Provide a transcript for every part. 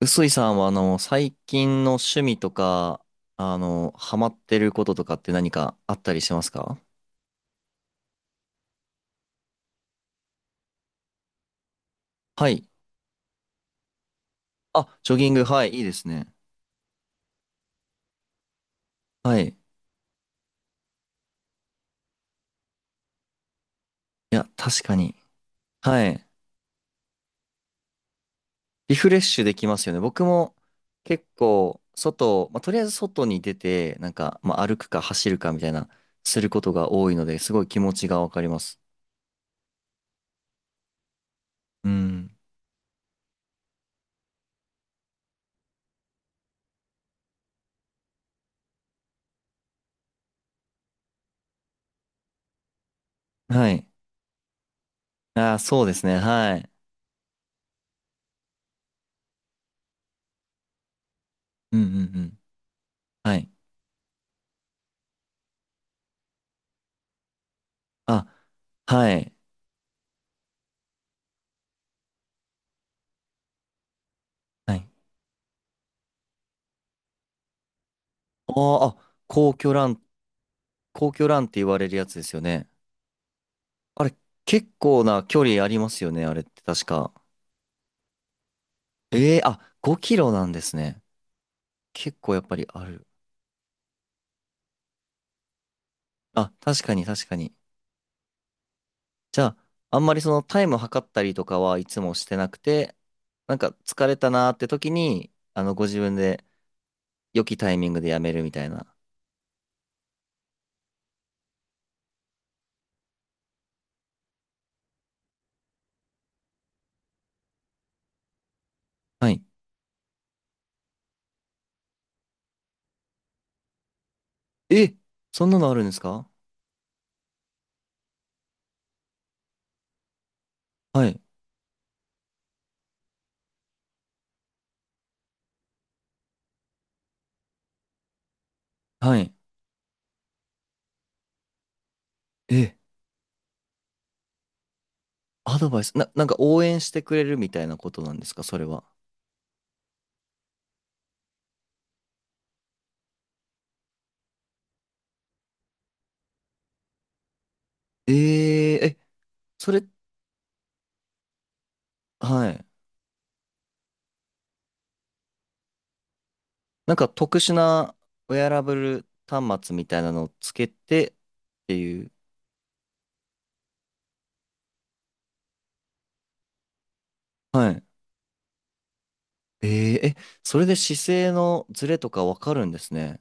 臼井さんは最近の趣味とかハマってることとかって何かあったりしますか？はい。あ、ジョギング、はい、いいですね。はい。いや、確かに。はい。リフレッシュできますよね。僕も結構外、まあ、とりあえず外に出て、なんか、まあ、歩くか走るかみたいな、することが多いので、すごい気持ちがわかります。うん。はい。ああ、そうですね。はい。うんうんうん。はい。あ、はい。はい。あーあ、皇居ランって言われるやつですよね。あれ、結構な距離ありますよね、あれって確か。ええ、あ、5キロなんですね。結構やっぱりある。あ、確かに確かに。じゃあ、あんまりそのタイム測ったりとかはいつもしてなくて、なんか疲れたなーって時に、ご自分で良きタイミングでやめるみたいな。はい。え、そんなのあるんですか？はい。はい。え、アドバイス、なんか応援してくれるみたいなことなんですか、それは。えええ、それ、はい。なんか特殊なウェアラブル端末みたいなのをつけてっていう。はい。えー、え、それで姿勢のズレとかわかるんですね。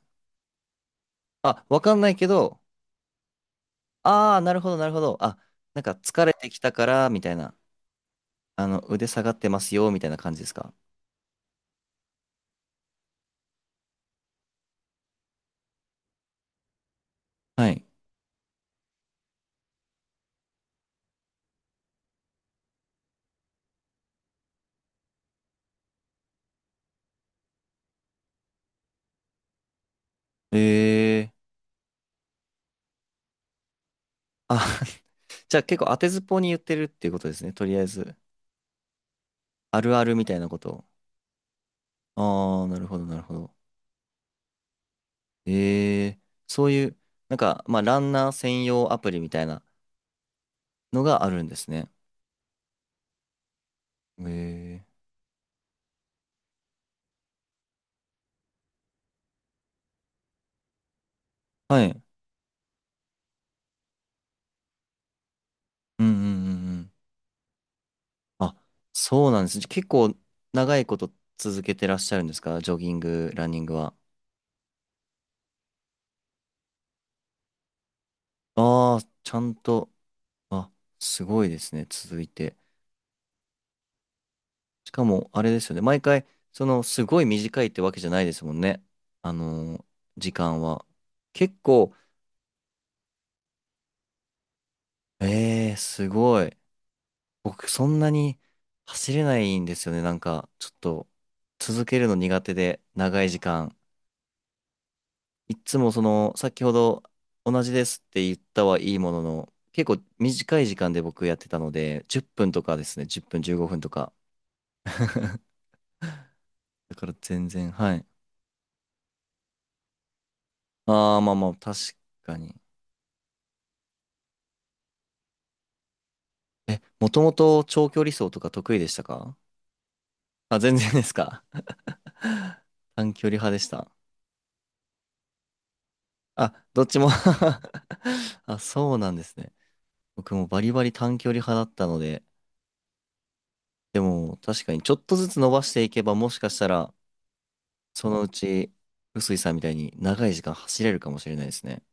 あ、わかんないけど、ああ、なるほど、なるほど。あ、なんか疲れてきたから、みたいな。腕下がってますよ、みたいな感じですか？はい。えー、あ、じゃあ結構当てずっぽうに言ってるっていうことですね。とりあえず。あるあるみたいなことを。ああ、なるほど、なるほど。ええ、そういう、なんか、まあ、ランナー専用アプリみたいなのがあるんですね。ええ、はい。うんうんうんうん。あ、そうなんです。じゃ結構長いこと続けてらっしゃるんですか？ジョギング、ランニングは。ああ、ちゃんと、あ、すごいですね。続いて。しかも、あれですよね。毎回、すごい短いってわけじゃないですもんね。あのー時間は。結構、ええ、すごい。僕そんなに走れないんですよね。なんかちょっと続けるの苦手で長い時間。いっつもその先ほど同じですって言ったはいいものの結構短い時間で僕やってたので10分とかですね。10分、15分とか。だから全然はい。ああ、まあまあ確かに。え、もともと長距離走とか得意でしたか？あ、全然ですか？ 短距離派でした。あ、どっちも あ、そうなんですね。僕もバリバリ短距離派だったので、でも確かにちょっとずつ伸ばしていけばもしかしたら、そのうち、臼井さんみたいに長い時間走れるかもしれないですね。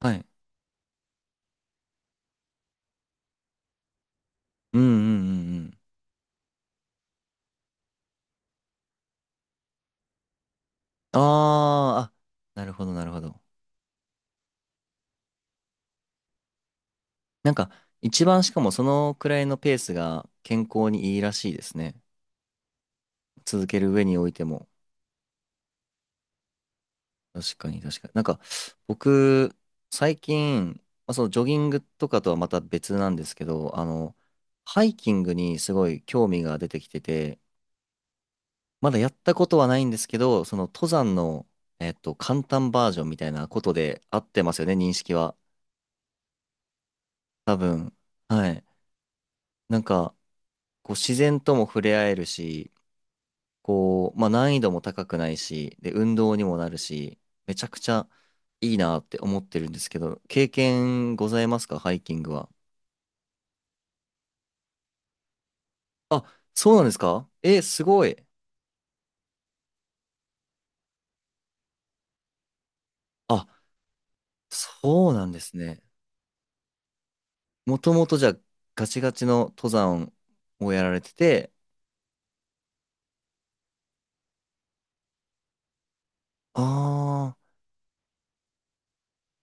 はい。うんうんうんうん。あーあ、なるほどなるほど。なんか、一番しかもそのくらいのペースが健康にいいらしいですね。続ける上においても。確かに確かに。なんか、僕、最近、まあ、そのジョギングとかとはまた別なんですけど、ハイキングにすごい興味が出てきてて、まだやったことはないんですけど、その登山の、簡単バージョンみたいなことで合ってますよね、認識は。多分。はい。なんか、こう自然とも触れ合えるし、こう、まあ難易度も高くないし、で、運動にもなるし、めちゃくちゃいいなって思ってるんですけど、経験ございますか？ハイキングは。あ、そうなんですか？え、すごい。あ、そうなんですね。もともとじゃあガチガチの登山をやられてて、あー、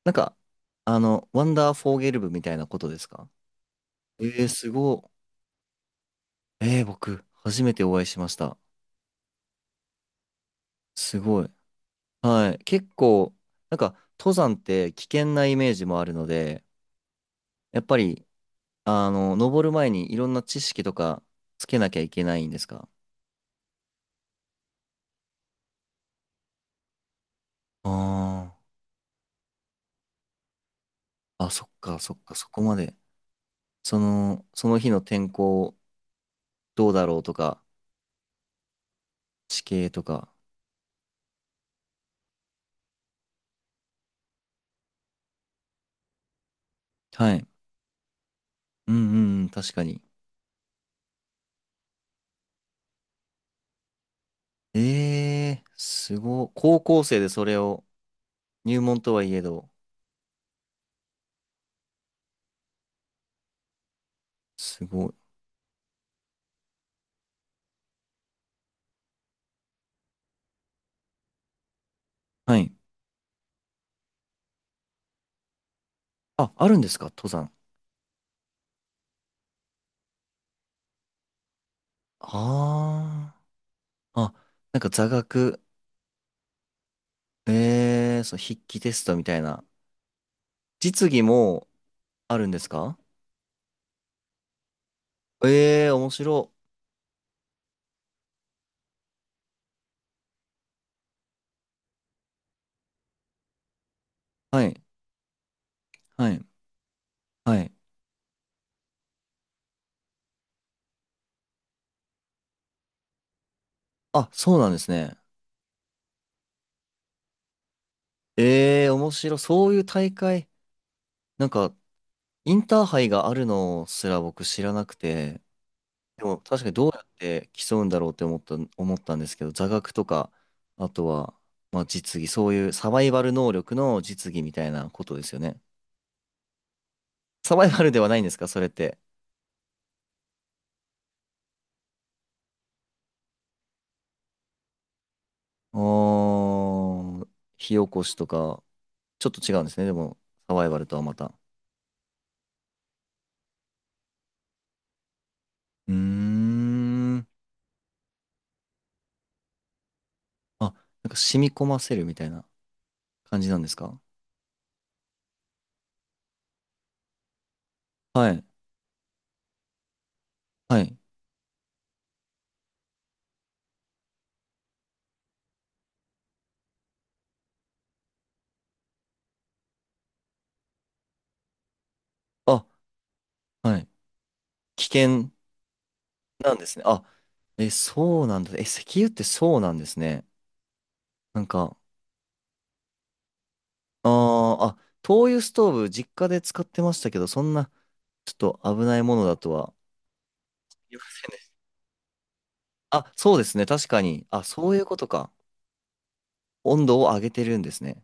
なんか、ワンダーフォーゲル部みたいなことですか？すごい。えー、僕、初めてお会いしました。すごい。はい。結構、なんか、登山って危険なイメージもあるので、やっぱり、登る前にいろんな知識とかつけなきゃいけないんですか？ああー。あ、そっか、そっか、そこまで。その日の天候どうだろうとか、地形とか。はい。うんうんうん、確かに。ええー、すごい。高校生でそれを、入門とはいえど、すごい。はい。あ、あるんですか？登山。ああ。あ、なんか座学。えー、そう、筆記テストみたいな。実技もあるんですか？えー、面白。はい、はい、はい。あ、そうなんですね。えー、面白。そういう大会、なんか、インターハイがあるのすら僕知らなくて、でも確かにどうやって競うんだろうって思ったんですけど、座学とか、あとは、まあ実技、そういうサバイバル能力の実技みたいなことですよね。サバイバルではないんですか？それって。あー、火起こしとか。ちょっと違うんですね。でも、サバイバルとはまた。うーん。あ、なんか染み込ませるみたいな感じなんですか？はい。はい。あ、はい。危険なんですね。あ、え、そうなんだ。え、石油ってそうなんですね。なんか、あーあ、灯油ストーブ、実家で使ってましたけど、そんな、ちょっと危ないものだとは。あ、そうですね。確かに。あ、そういうことか。温度を上げてるんですね。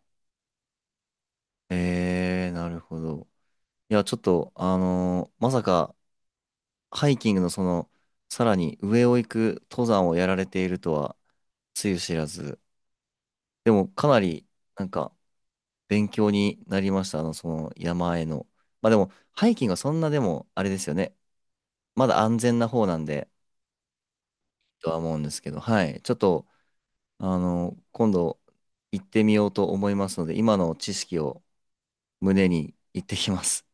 えー、なるほど。いや、ちょっと、まさか、ハイキングのその、さらに上を行く登山をやられているとは、つゆ知らず。でも、かなり、なんか、勉強になりました。その山への。まあでも、ハイキングはそんなでも、あれですよね。まだ安全な方なんで、とは思うんですけど、はい。ちょっと、今度、行ってみようと思いますので、今の知識を胸に行ってきます。